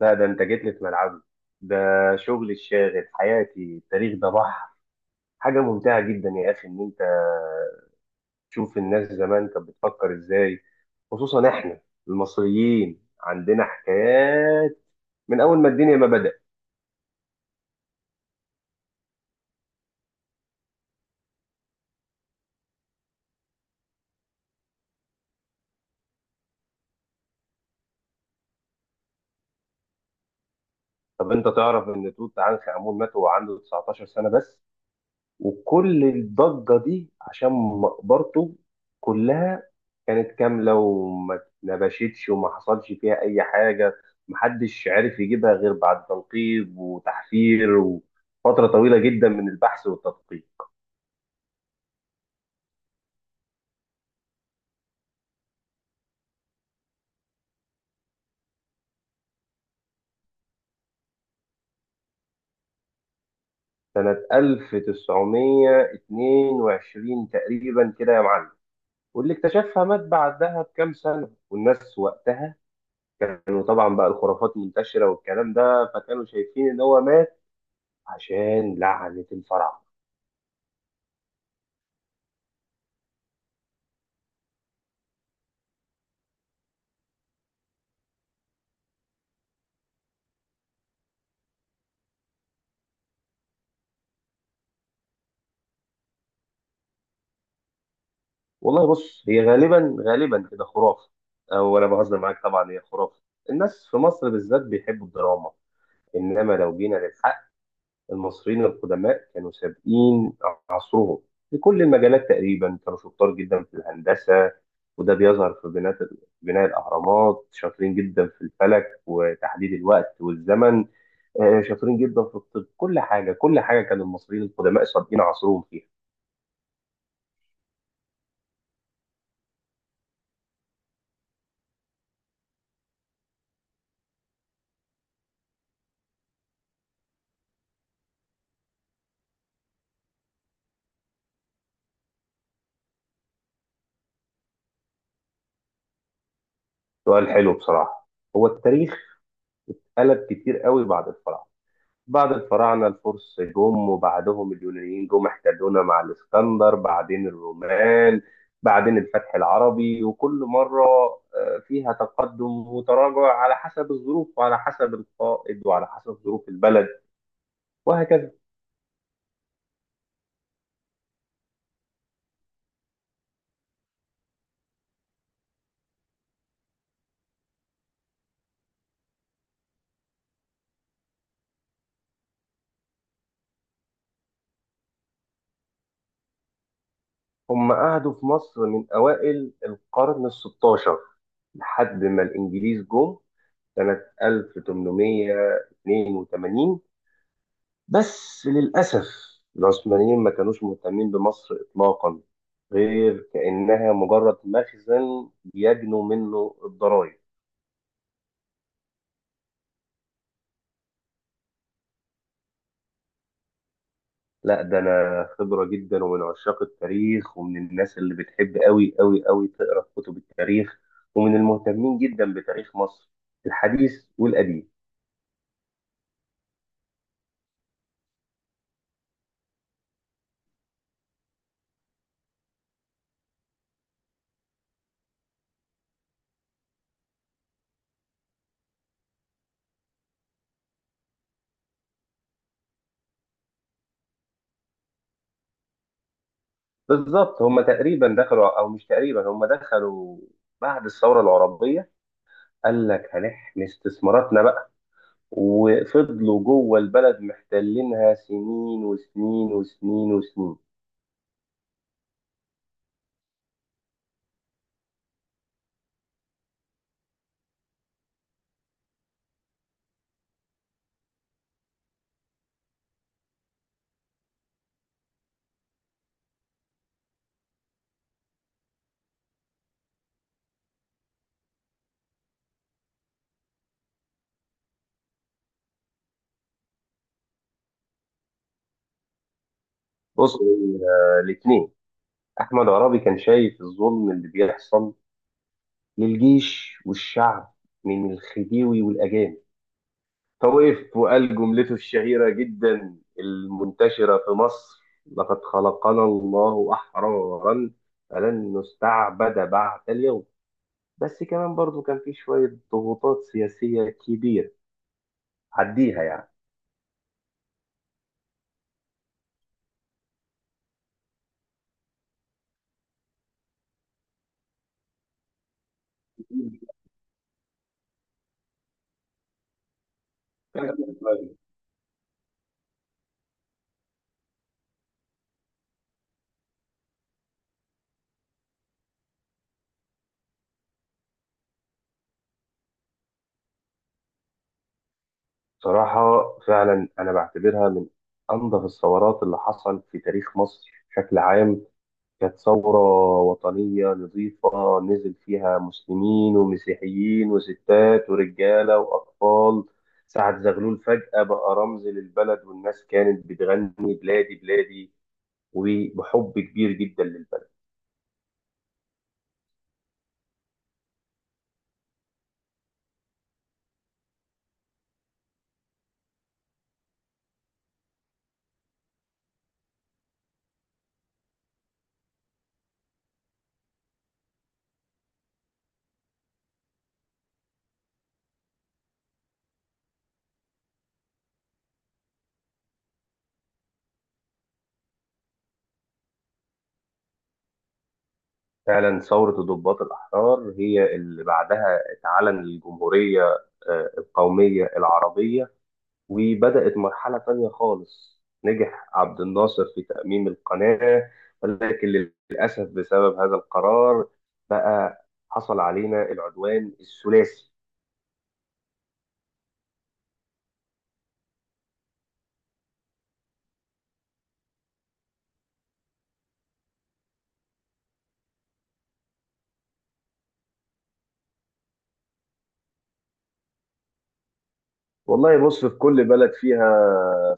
لا، ده انت جيت لي في ملعبي. ده شغل الشاغل حياتي، التاريخ ده بحر. حاجة ممتعة جدا يا أخي إن أنت تشوف الناس زمان كانت بتفكر إزاي. خصوصا إحنا المصريين عندنا حكايات من أول ما الدنيا ما بدأت. طب أنت تعرف إن توت عنخ آمون مات وهو عنده 19 سنة بس؟ وكل الضجة دي عشان مقبرته كلها كانت كاملة وما اتنبشتش وما حصلش فيها أي حاجة. محدش عرف يجيبها غير بعد تنقيب وتحفير وفترة طويلة جدا من البحث والتدقيق، سنة 1922 تقريبا كده يا معلم. واللي اكتشفها مات بعدها بكام سنة، والناس وقتها كانوا طبعا بقى الخرافات منتشرة والكلام ده، فكانوا شايفين إن هو مات عشان لعنة الفراعنة. والله بص، هي غالبا غالبا كده خرافه، او انا بهزر معاك. طبعا هي خرافه. الناس في مصر بالذات بيحبوا الدراما. انما لو جينا للحق، المصريين القدماء كانوا سابقين عصرهم في كل المجالات. تقريبا كانوا شطار جدا في الهندسه، وده بيظهر في بناء الاهرامات. شاطرين جدا في الفلك وتحديد الوقت والزمن. شاطرين جدا في الطب. كل حاجه كل حاجه كان المصريين القدماء سابقين عصرهم فيها. سؤال حلو بصراحه. هو التاريخ قلب كتير قوي بعد الفراعنه. بعد الفراعنه الفرس جم، وبعدهم اليونانيين جم احتلونا مع الاسكندر، بعدين الرومان، بعدين الفتح العربي. وكل مره فيها تقدم وتراجع، على حسب الظروف وعلى حسب القائد وعلى حسب ظروف البلد، وهكذا. هم قعدوا في مصر من اوائل القرن ال 16 لحد ما الانجليز جم سنه 1882. بس للأسف العثمانيين ما كانوش مهتمين بمصر إطلاقا، غير كأنها مجرد مخزن يجنوا منه الضرائب. لا، ده أنا خبرة جدا ومن عشاق التاريخ، ومن الناس اللي بتحب أوي أوي أوي تقرأ في كتب التاريخ، ومن المهتمين جدا بتاريخ مصر الحديث والقديم. بالظبط، هم تقريبا دخلوا أو مش تقريبا، هم دخلوا بعد الثورة العربية. قال لك هنحمي استثماراتنا بقى، وفضلوا جوه البلد محتلينها سنين وسنين وسنين وسنين. بص، الاثنين. احمد عرابي كان شايف الظلم اللي بيحصل للجيش والشعب من الخديوي والاجانب، فوقف وقال جملته الشهيره جدا المنتشره في مصر: لقد خلقنا الله احرارا فلن نستعبد بعد اليوم. بس كمان برضو كان في شويه ضغوطات سياسيه كبيره، عديها. يعني، صراحة، فعلا أنا بعتبرها من أنظف الثورات اللي حصل في تاريخ مصر بشكل عام. كانت ثورة وطنية نظيفة، نزل فيها مسلمين ومسيحيين وستات ورجالة وأطفال. سعد زغلول فجأة بقى رمز للبلد، والناس كانت بتغني بلادي بلادي، وبحب كبير جدا للبلد. فعلا ثورة الضباط الأحرار هي اللي بعدها اتعلن الجمهورية، القومية العربية. وبدأت مرحلة تانية خالص، نجح عبد الناصر في تأميم القناة، ولكن للأسف بسبب هذا القرار بقى حصل علينا العدوان الثلاثي. والله بص، في كل بلد فيها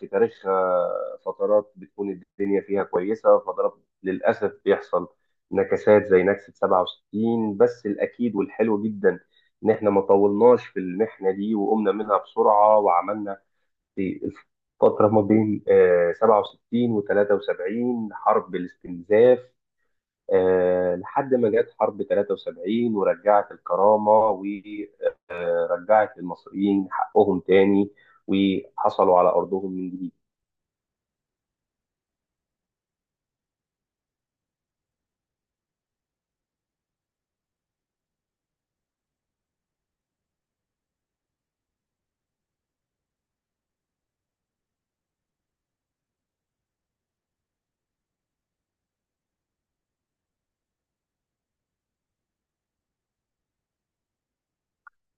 في تاريخها فترات بتكون الدنيا فيها كويسة، وفترات للأسف بيحصل نكسات زي نكسة 67. بس الأكيد والحلو جدا إن إحنا ما طولناش في المحنة دي وقمنا منها بسرعة، وعملنا في الفترة ما بين 67 و 73 حرب الاستنزاف. لحد ما جت حرب 73 ورجعت الكرامة، ورجعت المصريين حقهم تاني، وحصلوا على أرضهم من جديد.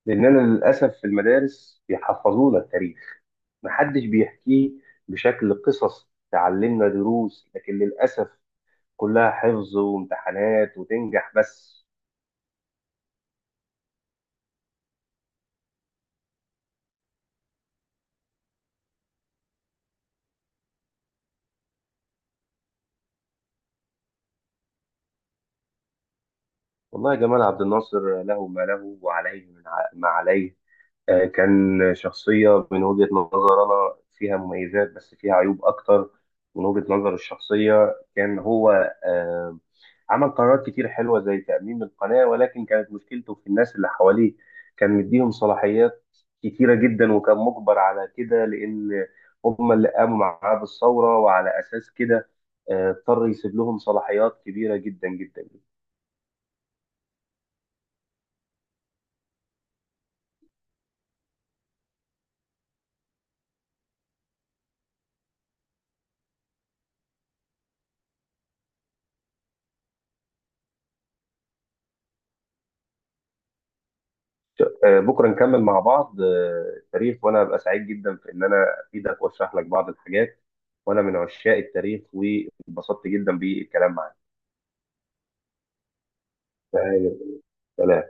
لأننا للأسف في المدارس بيحفظونا التاريخ، محدش بيحكيه بشكل قصص تعلمنا دروس، لكن للأسف كلها حفظ وامتحانات وتنجح بس. والله جمال عبد الناصر له ما له وعليه ما عليه. كان شخصية من وجهة نظر أنا فيها مميزات بس فيها عيوب أكتر. من وجهة نظر الشخصية كان هو آه، عمل قرارات كتير حلوة زي تأميم القناة، ولكن كانت مشكلته في الناس اللي حواليه. كان مديهم صلاحيات كتيرة جدا، وكان مجبر على كده لأن هم اللي قاموا معاه بالثورة، وعلى أساس كده اضطر يسيب لهم صلاحيات كبيرة جدا جدا. بكره نكمل مع بعض التاريخ، وانا ابقى سعيد جدا في ان انا افيدك واشرح لك بعض الحاجات، وانا من عشاق التاريخ واتبسطت جدا بالكلام معاك. تمام. سلام